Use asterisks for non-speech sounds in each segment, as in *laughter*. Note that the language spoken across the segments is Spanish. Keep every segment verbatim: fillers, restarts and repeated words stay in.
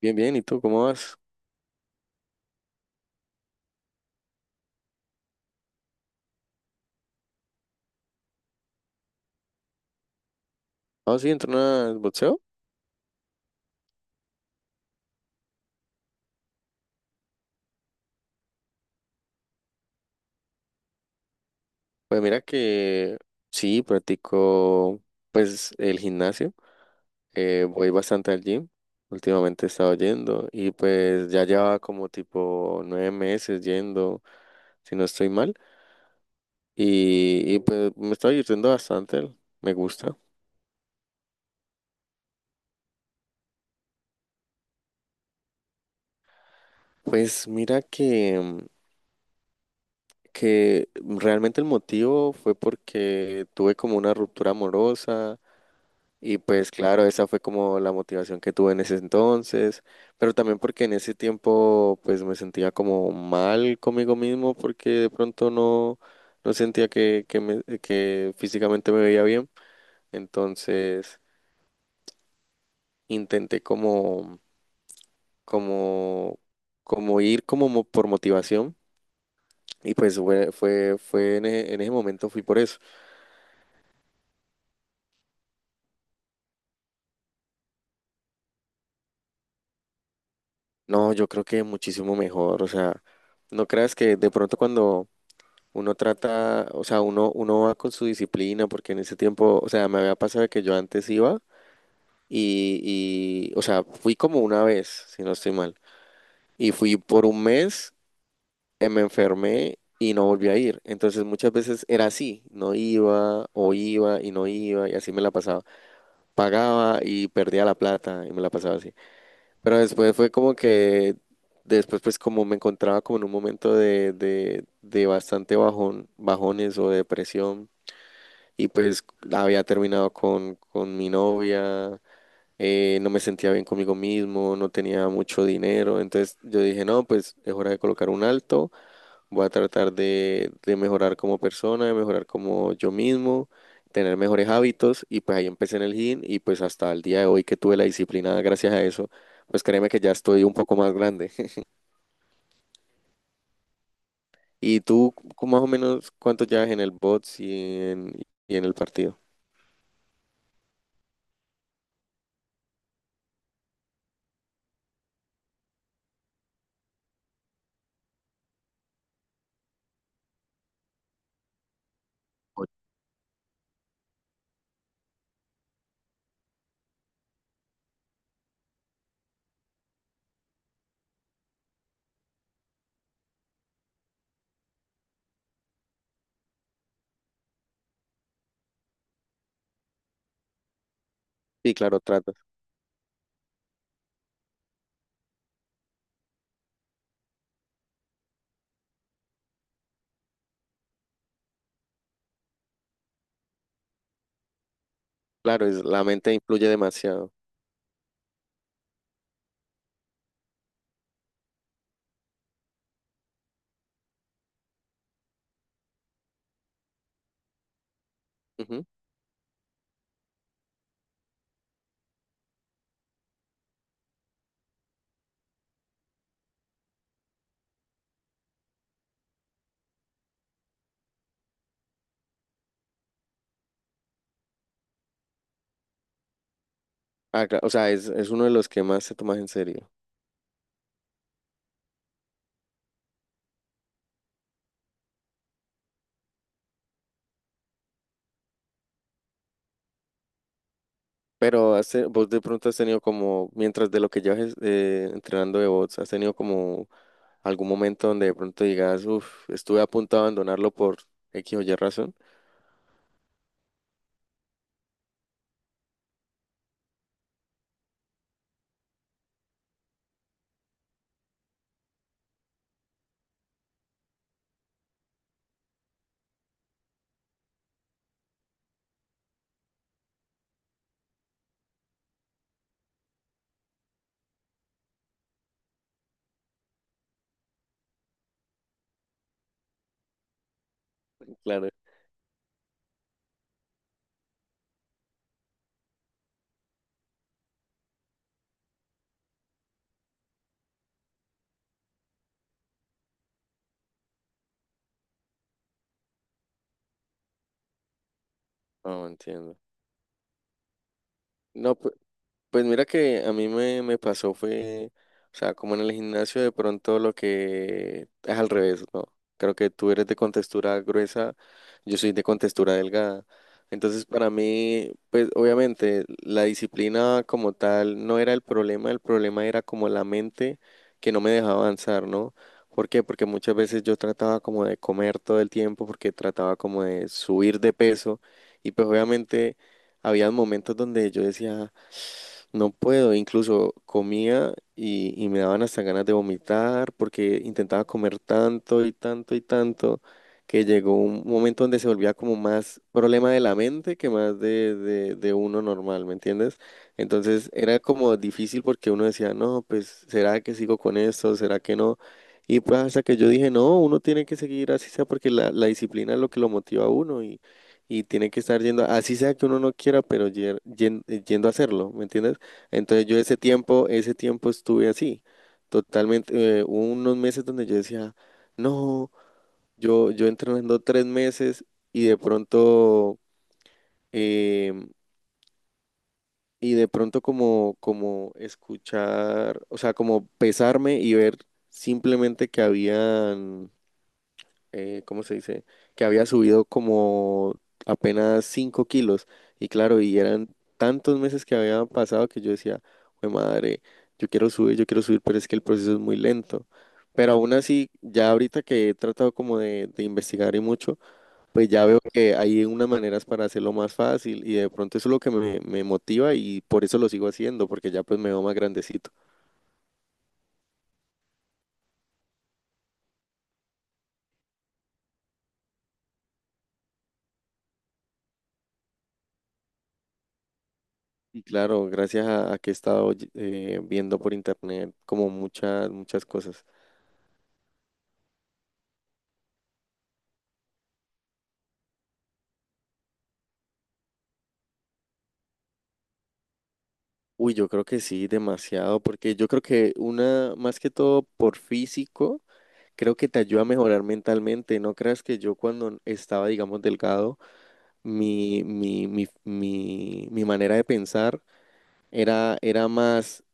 Bien, bien, ¿y tú cómo vas? Ah, sí, ¿entrenas boxeo? Pues mira que sí, practico pues el gimnasio, eh, voy bastante al gym, últimamente he estado yendo y pues ya llevaba como tipo nueve meses yendo, si no estoy mal, y, y pues me está divirtiendo bastante, me gusta. Pues mira que, mm, que realmente el motivo fue porque tuve como una ruptura amorosa. Y pues claro, esa fue como la motivación que tuve en ese entonces, pero también porque en ese tiempo pues me sentía como mal conmigo mismo porque de pronto no, no sentía que, que, me- que físicamente me veía bien, entonces intenté como, como, como ir como mo- por motivación y pues fue, fue, fue en e- en ese momento fui por eso. No, yo creo que muchísimo mejor, o sea, no creas que de pronto cuando uno trata, o sea, uno, uno va con su disciplina, porque en ese tiempo, o sea, me había pasado que yo antes iba y, y, o sea, fui como una vez, si no estoy mal, y fui por un mes, eh, me enfermé y no volví a ir. Entonces muchas veces era así, no iba o iba y no iba y así me la pasaba. Pagaba y perdía la plata y me la pasaba así. Pero después fue como que, después pues como me encontraba como en un momento de, de, de bastante bajón, bajones o depresión. Y pues había terminado con, con mi novia, eh, no me sentía bien conmigo mismo, no tenía mucho dinero. Entonces yo dije, no, pues es hora de colocar un alto, voy a tratar de, de mejorar como persona, de mejorar como yo mismo, tener mejores hábitos. Y pues ahí empecé en el gym y pues hasta el día de hoy que tuve la disciplina gracias a eso, pues créeme que ya estoy un poco más grande. *laughs* ¿Y tú cu- más o menos cuánto llevas en el bots y en, y en el partido? Ocho. Sí, claro, trato. Claro, es, la mente influye demasiado. Ujú. Acá- o sea, es, es uno de los que más se toma en serio. Pero has te- vos de pronto has tenido como, mientras de lo que llevas eh, entrenando de bots, has tenido como algún momento donde de pronto digas, uff, estuve a punto de abandonarlo por X o Y razón. Claro. No, entiendo. No, pues. Pues mira que a mí me, me pasó fue, o sea, como en el gimnasio de pronto lo que es al revés, ¿no? Creo que tú eres de contextura gruesa, yo soy de contextura delgada. Entonces para mí, pues obviamente la disciplina como tal no era el problema, el problema era como la mente que no me dejaba avanzar, ¿no? ¿Por qué? Porque muchas veces yo trataba como de comer todo el tiempo, porque trataba como de subir de peso y pues obviamente había momentos donde yo decía. No puedo, incluso comía y, y me daban hasta ganas de vomitar porque intentaba comer tanto y tanto y tanto que llegó un momento donde se volvía como más problema de la mente que más de, de, de uno normal, ¿me entiendes? Entonces era como difícil porque uno decía, no, pues ¿será que sigo con esto? ¿Será que no? Y pues hasta que yo dije, no, uno tiene que seguir así sea porque la, la disciplina es lo que lo motiva a uno y, y tiene que estar yendo, así sea que uno no quiera, pero yer- yen- yendo a hacerlo, ¿me entiendes? Entonces yo ese tiempo, ese tiempo estuve así, totalmente, eh, hubo unos meses donde yo decía, no, yo, yo entrenando tres meses y de pronto, em, y de pronto como, como escuchar, o sea, como pesarme y ver simplemente que habían eh, ¿cómo se dice? Que había subido como apenas cinco kilos. Y claro, y eran tantos meses que habían pasado que yo decía, "Jue madre, yo quiero subir, yo quiero subir, pero es que el proceso es muy lento. Pero aún así, ya ahorita que he tratado como de, de investigar y mucho, pues ya veo que hay unas maneras para hacerlo más fácil y de pronto eso es lo que me, me motiva y por eso lo sigo haciendo, porque ya pues me veo más grandecito. Y claro, gracias a, a que he estado eh, viendo por internet como muchas, muchas cosas. Uy, yo creo que sí, demasiado, porque yo creo que una, más que todo por físico, creo que te ayuda a mejorar mentalmente. No creas que yo cuando estaba, digamos, delgado, mi, mi, mi, mi, mi manera de pensar era, era más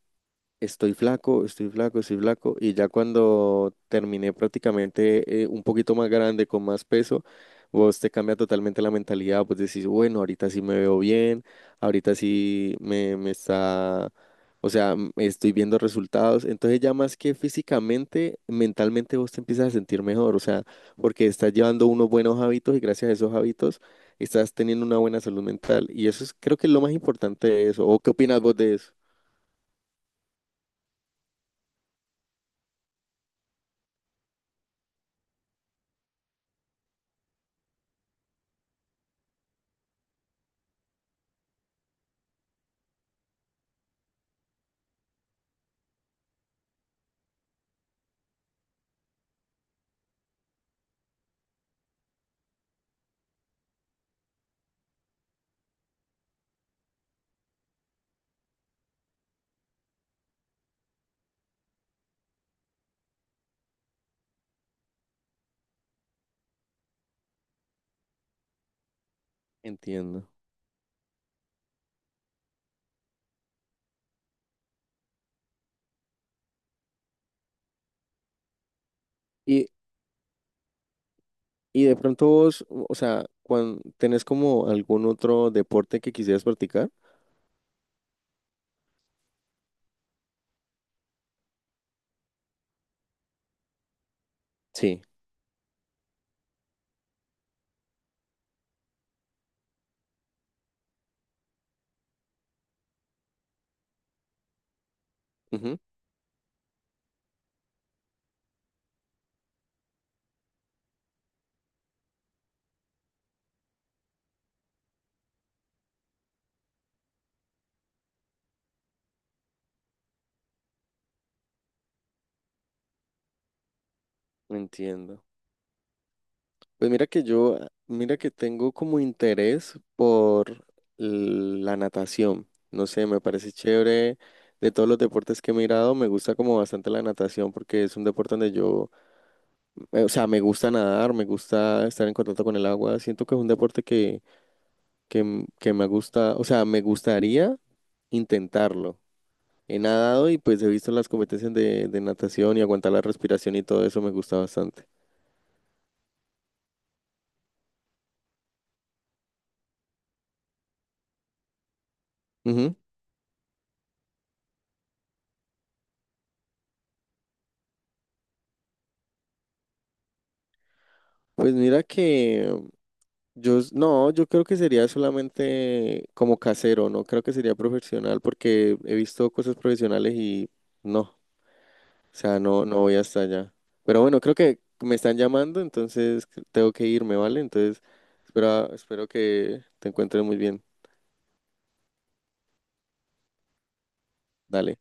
estoy flaco, estoy flaco, estoy flaco. Y ya cuando terminé prácticamente eh, un poquito más grande, con más peso, vos te cambia totalmente la mentalidad. Pues decís, bueno, ahorita sí me veo bien, ahorita sí me, me está, o sea, m- estoy viendo resultados. Entonces ya más que físicamente, mentalmente vos te empiezas a sentir mejor, o sea, porque estás llevando unos buenos hábitos y gracias a esos hábitos estás teniendo una buena salud mental. Y eso es, creo que es lo más importante de eso. ¿O qué opinas vos de eso? Entiendo. y Y de pronto vos, o sea, ¿cuando tenés como algún otro deporte que quisieras practicar? Sí, ujú, entiendo. Pues mira que yo, ah, mira que tengo como interés por l- la natación. No sé, me parece chévere. De todos los deportes que he mirado, me gusta como bastante la natación porque es un deporte donde yo, eh, o sea, me gusta nadar, me gusta estar en contacto con el agua. Siento que es un deporte que, que, m- que me gusta, o sea, me gustaría intentarlo. He nadado y pues he visto las competencias de, de natación y aguantar la respiración y todo eso me gusta bastante. Ujú. Pues mira que yo, s- no, yo creo que sería solamente como casero, no creo que sería profesional porque he visto cosas profesionales y no, o sea, no, no voy hasta allá. Pero bueno, creo que me están llamando, entonces tengo que irme, ¿vale? Entonces, espero, espero que te encuentres muy bien. Dale.